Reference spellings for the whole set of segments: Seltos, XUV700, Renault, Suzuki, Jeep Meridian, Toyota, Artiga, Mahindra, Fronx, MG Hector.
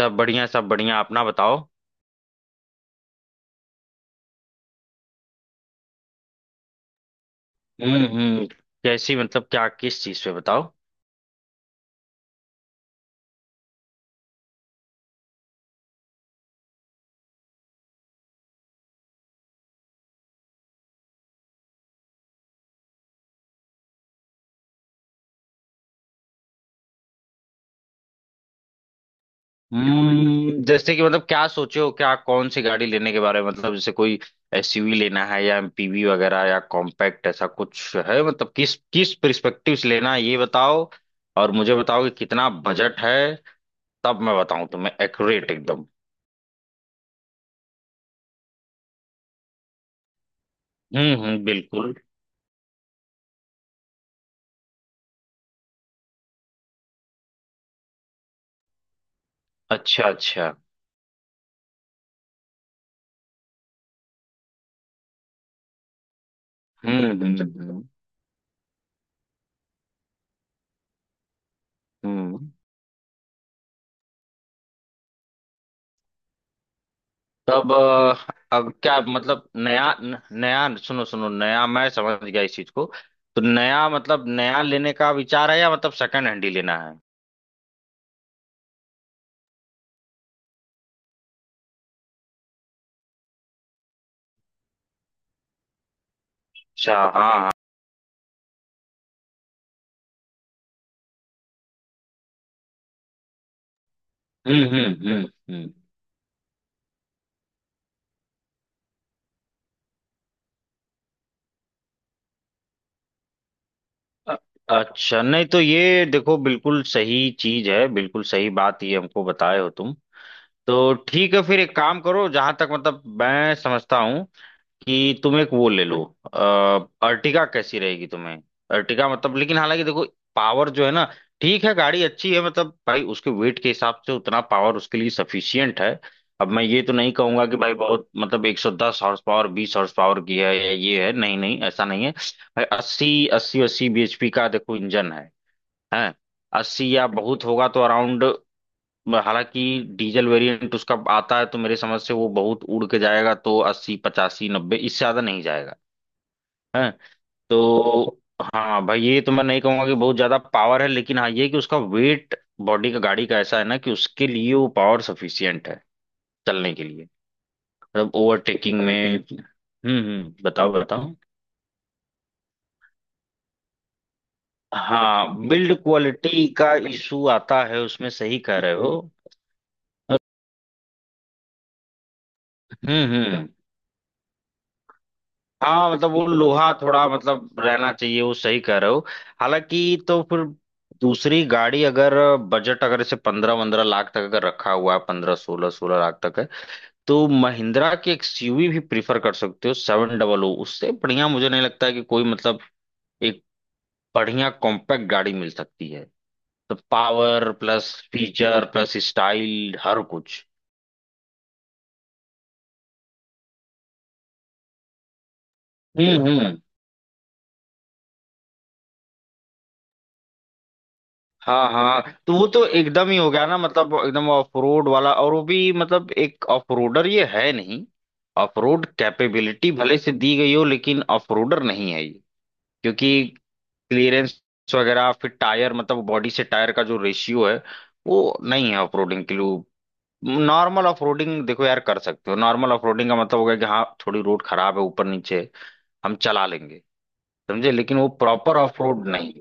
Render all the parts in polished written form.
सब बढ़िया अपना बताओ। हम्म। कैसी मतलब क्या किस चीज पे बताओ। जैसे कि मतलब क्या सोचे हो क्या कौन सी गाड़ी लेने के बारे में मतलब जैसे कोई एसयूवी लेना है या एमपीवी वगैरह या कॉम्पैक्ट ऐसा कुछ है मतलब किस किस पर्सपेक्टिव से लेना है ये बताओ। और मुझे बताओ कि कितना बजट है। तब मैं बताऊं तुम्हें एक्यूरेट एकदम। बिल्कुल। अच्छा अच्छा। हम्म हम्म हम्म हम्म। तब अ, अब क्या मतलब नया न- नया सुनो सुनो नया मैं समझ गया इस चीज को। तो नया मतलब नया लेने का विचार है या मतलब सेकंड हैंड ही लेना है। अच्छा हाँ हाँ। हम्म हम्म हम्म हम्म। अ- अच्छा नहीं तो ये देखो बिल्कुल सही चीज है बिल्कुल सही बात ये हमको बताए हो तुम। तो ठीक है फिर एक काम करो जहां तक मतलब मैं समझता हूँ कि तुम एक वो ले लो। अ, अर्टिगा कैसी रहेगी तुम्हें। अर्टिगा मतलब लेकिन हालांकि देखो पावर जो है ना। ठीक है गाड़ी अच्छी है मतलब भाई उसके वेट के हिसाब से उतना पावर उसके लिए सफिशियंट है। अब मैं ये तो नहीं कहूंगा कि भाई बहुत मतलब 110 हॉर्स पावर 20 हॉर्स पावर की है या ये है नहीं नहीं ऐसा नहीं है। भाई 80 अस्सी अस्सी bhp का देखो इंजन है हैं। 80 या बहुत होगा तो अराउंड हालांकि डीजल वेरिएंट उसका आता है तो मेरे समझ से वो बहुत उड़ के जाएगा तो 80 85 90 इससे ज्यादा नहीं जाएगा। है तो हाँ भाई ये तो मैं नहीं कहूंगा कि बहुत ज्यादा पावर है लेकिन हाँ ये कि उसका वेट बॉडी का गाड़ी का ऐसा है ना कि उसके लिए वो पावर सफिशियंट है चलने के लिए। मतलब ओवरटेकिंग में। बताओ बताओ। हाँ बिल्ड क्वालिटी का इशू आता है उसमें सही कह रहे हो। हम्म। हाँ मतलब वो लोहा थोड़ा मतलब रहना चाहिए वो सही कह रहे हो। हालांकि तो फिर दूसरी गाड़ी अगर बजट अगर इसे 15 15 लाख तक अगर रखा हुआ है 15 16 16 लाख तक है। तो महिंद्रा की एक्सयूवी भी प्रीफर कर सकते हो सेवन डबल ओ उससे बढ़िया मुझे नहीं लगता है कि कोई मतलब एक बढ़िया कॉम्पैक्ट गाड़ी मिल सकती है। तो power plus feature plus style हर कुछ। हम्म। हाँ हाँ तो वो तो एकदम ही हो गया ना मतलब एकदम ऑफ रोड वाला और वो भी मतलब एक ऑफ रोडर ये है नहीं। ऑफ रोड कैपेबिलिटी भले से दी गई हो लेकिन ऑफ रोडर नहीं है ये। क्योंकि क्लियरेंस वगैरह फिर टायर मतलब बॉडी से टायर का जो रेशियो है वो नहीं है ऑफ रोडिंग के लिए। नॉर्मल ऑफ रोडिंग देखो यार कर सकते हो नॉर्मल ऑफ रोडिंग का मतलब हो गया कि हाँ थोड़ी रोड खराब है ऊपर नीचे है, हम चला लेंगे। समझे लेकिन वो प्रॉपर ऑफ रोड नहीं।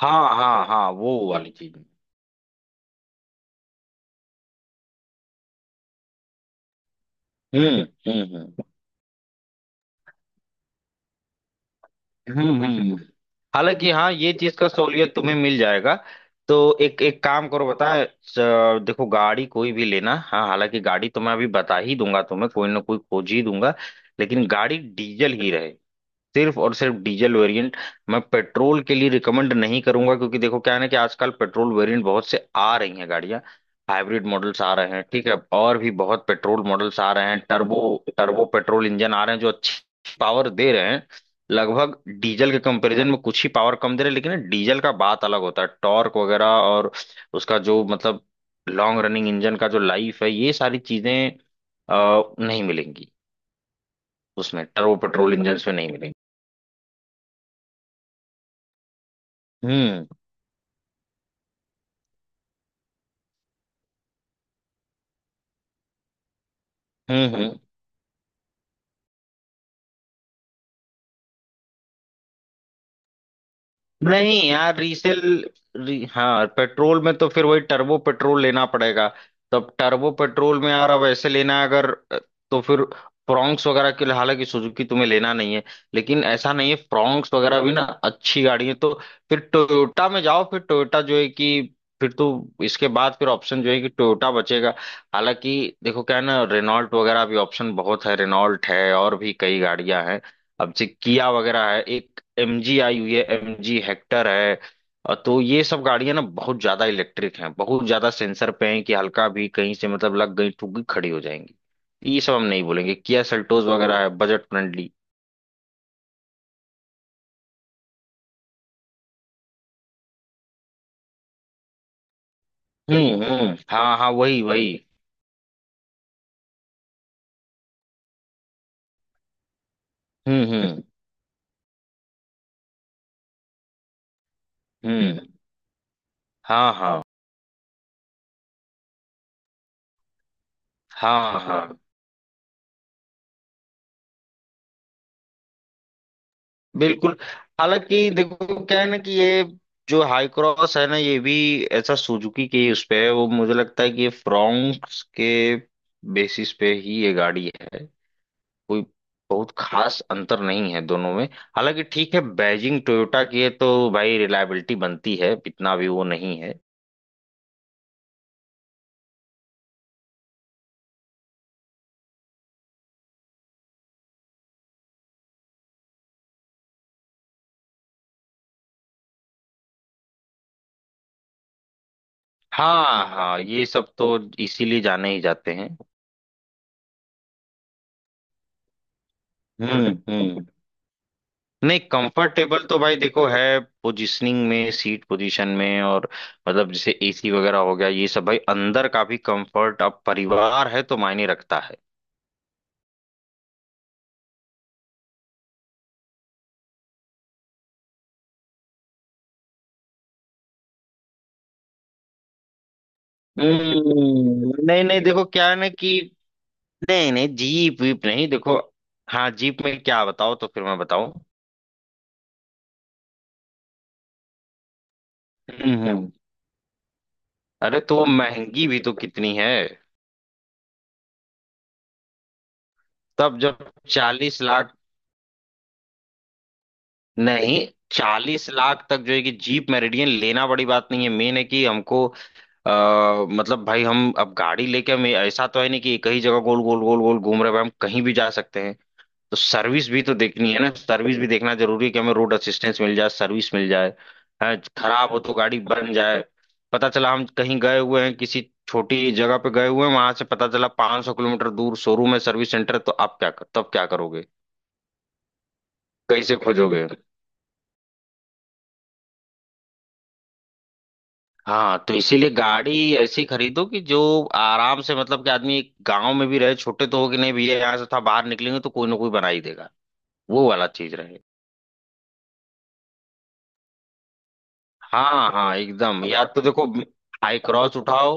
हाँ हाँ हाँ वो वाली चीज। हम्म हम्म हम्म हम्म हम्म। हालांकि हाँ ये चीज का सहूलियत तुम्हें मिल जाएगा। तो एक एक काम करो देखो गाड़ी कोई भी लेना हाँ हालांकि गाड़ी तो मैं अभी बता ही दूंगा तुम्हें कोई ना कोई खोज ही दूंगा। लेकिन गाड़ी डीजल ही रहे। सिर्फ और सिर्फ डीजल वेरिएंट। मैं पेट्रोल के लिए रिकमेंड नहीं करूंगा क्योंकि देखो क्या है ना कि आजकल पेट्रोल वेरिएंट बहुत से आ रही हैं गाड़ियां। हाइब्रिड मॉडल्स आ रहे हैं ठीक है। और भी बहुत पेट्रोल मॉडल्स आ रहे हैं टर्बो टर्बो पेट्रोल इंजन आ रहे हैं जो अच्छी पावर दे रहे हैं। लगभग डीजल के कंपैरिजन में कुछ ही पावर कम दे रहे हैं लेकिन डीजल का बात अलग होता है टॉर्क वगैरह और उसका जो मतलब लॉन्ग रनिंग इंजन का जो लाइफ है ये सारी चीजें नहीं मिलेंगी उसमें टर्बो पेट्रोल इंजन में नहीं मिलेंगी। हम्म हम्म हम्म। नहीं यार रीसेल हाँ पेट्रोल में तो फिर वही टर्बो पेट्रोल लेना पड़ेगा। तब टर्बो पेट्रोल में यार अब ऐसे लेना है अगर तो फिर फ्रॉन्क्स वगैरह के लिए हालांकि सुजुकी तुम्हें लेना नहीं है लेकिन ऐसा नहीं है फ्रॉन्क्स वगैरह भी ना अच्छी गाड़ी है। तो फिर टोयोटा में जाओ फिर टोयोटा जो है कि फिर तो इसके बाद फिर ऑप्शन जो है कि टोयोटा बचेगा। हालांकि देखो क्या है ना रेनॉल्ट वगैरह भी ऑप्शन बहुत है रेनॉल्ट है और भी कई गाड़ियां हैं अब से किया वगैरह है एक एमजी आई हुई है एमजी हेक्टर है। तो ये सब गाड़ियां ना बहुत ज्यादा इलेक्ट्रिक हैं बहुत ज्यादा सेंसर पे हैं कि हल्का भी कहीं से मतलब लग गई ठुक गई खड़ी हो जाएंगी। ये सब हम नहीं बोलेंगे किया सेल्टोस वगैरह है बजट फ्रेंडली। हाँ हाँ वही वही। हम्म हम्म हम्म। हाँ हाँ हाँ हाँ बिल्कुल। हालांकि देखो क्या है ना कि ये जो हाई क्रॉस है ना ये भी ऐसा सुजुकी के ही उस पे है वो मुझे लगता है कि ये फ्रोंक्स के बेसिस पे ही ये गाड़ी है। कोई बहुत खास अंतर नहीं है दोनों में। हालांकि ठीक है बैजिंग टोयोटा की है तो भाई रिलायबिलिटी बनती है इतना भी वो नहीं है। हाँ हाँ ये सब तो इसीलिए जाने ही जाते हैं। हम्म। नहीं कंफर्टेबल तो भाई देखो है पोजीशनिंग में सीट पोजीशन में और मतलब जैसे एसी वगैरह हो गया ये सब भाई अंदर का भी कंफर्ट अब परिवार है तो मायने रखता है। नहीं नहीं देखो क्या है ना कि नहीं नहीं जीप वीप नहीं देखो। हाँ जीप में क्या बताओ तो फिर मैं बताऊं। हम्म हम्म। अरे तो महंगी भी तो कितनी है। तब जब 40 लाख। नहीं 40 लाख तक जो है कि जीप मेरिडियन लेना बड़ी बात नहीं है मेन है कि हमको मतलब भाई हम अब गाड़ी लेके हम ऐसा तो है नहीं कि एक ही जगह गोल गोल गोल गोल घूम रहे हैं भाई हम कहीं भी जा सकते हैं। तो सर्विस भी तो देखनी है ना सर्विस भी देखना जरूरी है कि हमें रोड असिस्टेंस मिल जाए सर्विस मिल जाए। है खराब हो तो गाड़ी बन जाए। पता चला हम कहीं गए हुए हैं किसी छोटी जगह पे गए हुए हैं वहां से पता चला 500 किलोमीटर दूर शोरूम है सर्विस सेंटर है, तो आप क्या कर तब क्या करोगे। कैसे खोजोगे। हाँ तो इसीलिए गाड़ी ऐसी खरीदो कि जो आराम से मतलब कि आदमी गांव में भी रहे छोटे तो हो कि नहीं भैया यहाँ से था बाहर निकलेंगे तो कोई ना कोई बना ही देगा। वो वाला चीज रहे। हाँ हाँ एकदम या तो देखो हाई क्रॉस उठाओ।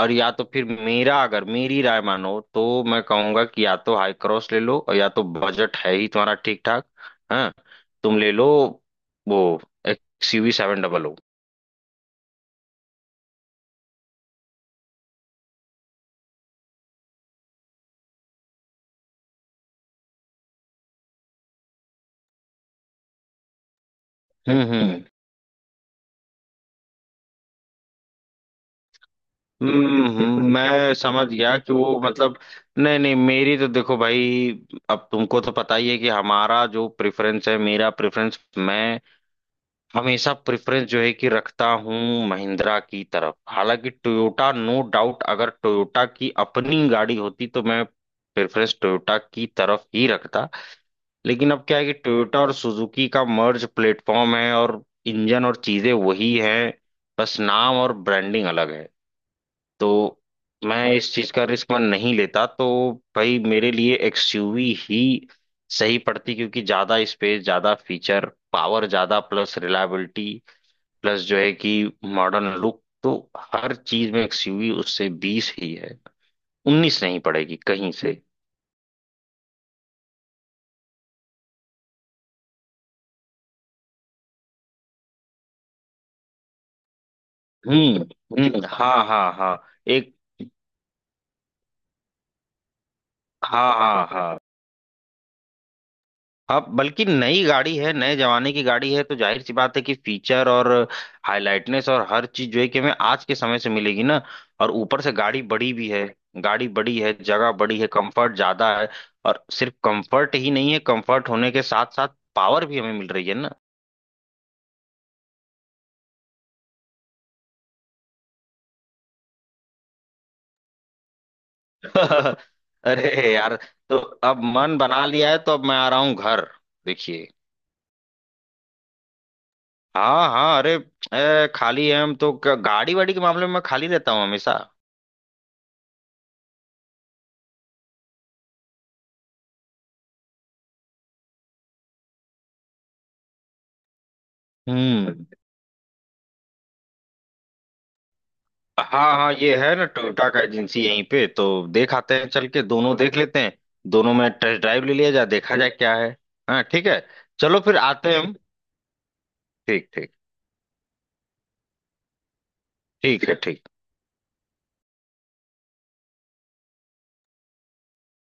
और या तो फिर मेरा अगर मेरी राय मानो तो मैं कहूंगा कि या तो हाई क्रॉस ले लो और या तो बजट है ही तुम्हारा ठीक ठाक। हाँ तुम ले लो वो एक्सयूवी सेवन डबल ओ। हम्म हम्म मैं समझ गया कि वो मतलब नहीं नहीं मेरी तो देखो भाई अब तुमको तो पता ही है कि हमारा जो प्रेफरेंस है मेरा प्रेफरेंस मैं हमेशा प्रेफरेंस जो है कि रखता हूँ महिंद्रा की तरफ हालांकि टोयोटा नो डाउट अगर टोयोटा की अपनी गाड़ी होती तो मैं प्रेफरेंस टोयोटा की तरफ ही रखता। लेकिन अब क्या है कि टोयोटा और सुजुकी का मर्ज प्लेटफॉर्म है और इंजन और चीजें वही हैं। बस नाम और ब्रांडिंग अलग है। तो मैं इस चीज का रिस्क मैं नहीं लेता तो भाई मेरे लिए एक्सयूवी ही सही पड़ती क्योंकि ज्यादा स्पेस ज्यादा फीचर पावर ज्यादा प्लस रिलायबिलिटी प्लस जो है कि मॉडर्न लुक तो हर चीज में एक्सयूवी उससे बीस ही है उन्नीस नहीं पड़ेगी कहीं से। हम्म हाँ हाँ हाँ एक हाँ हाँ हाँ। अब बल्कि नई गाड़ी है नए जमाने की गाड़ी है तो जाहिर सी बात है कि फीचर और हाईलाइटनेस और हर चीज जो है कि हमें आज के समय से मिलेगी ना। और ऊपर से गाड़ी बड़ी भी है। गाड़ी बड़ी है जगह बड़ी है कंफर्ट ज्यादा है। और सिर्फ कंफर्ट ही नहीं है कंफर्ट होने के साथ साथ पावर भी हमें मिल रही है। अरे यार तो अब मन बना लिया है तो अब मैं आ रहा हूँ घर। देखिए। हाँ हाँ अरे खाली है हम तो गाड़ी वाड़ी के मामले में मैं खाली रहता हूँ हमेशा। हम्म। हाँ हाँ ये है ना टोयोटा का एजेंसी यहीं पे तो देख आते हैं चल के दोनों देख लेते हैं। दोनों में टेस्ट ड्राइव ले लिया जाए देखा जाए क्या है। हाँ ठीक है। चलो फिर आते हैं हम। ठीक ठीक। ठीक है ठीक।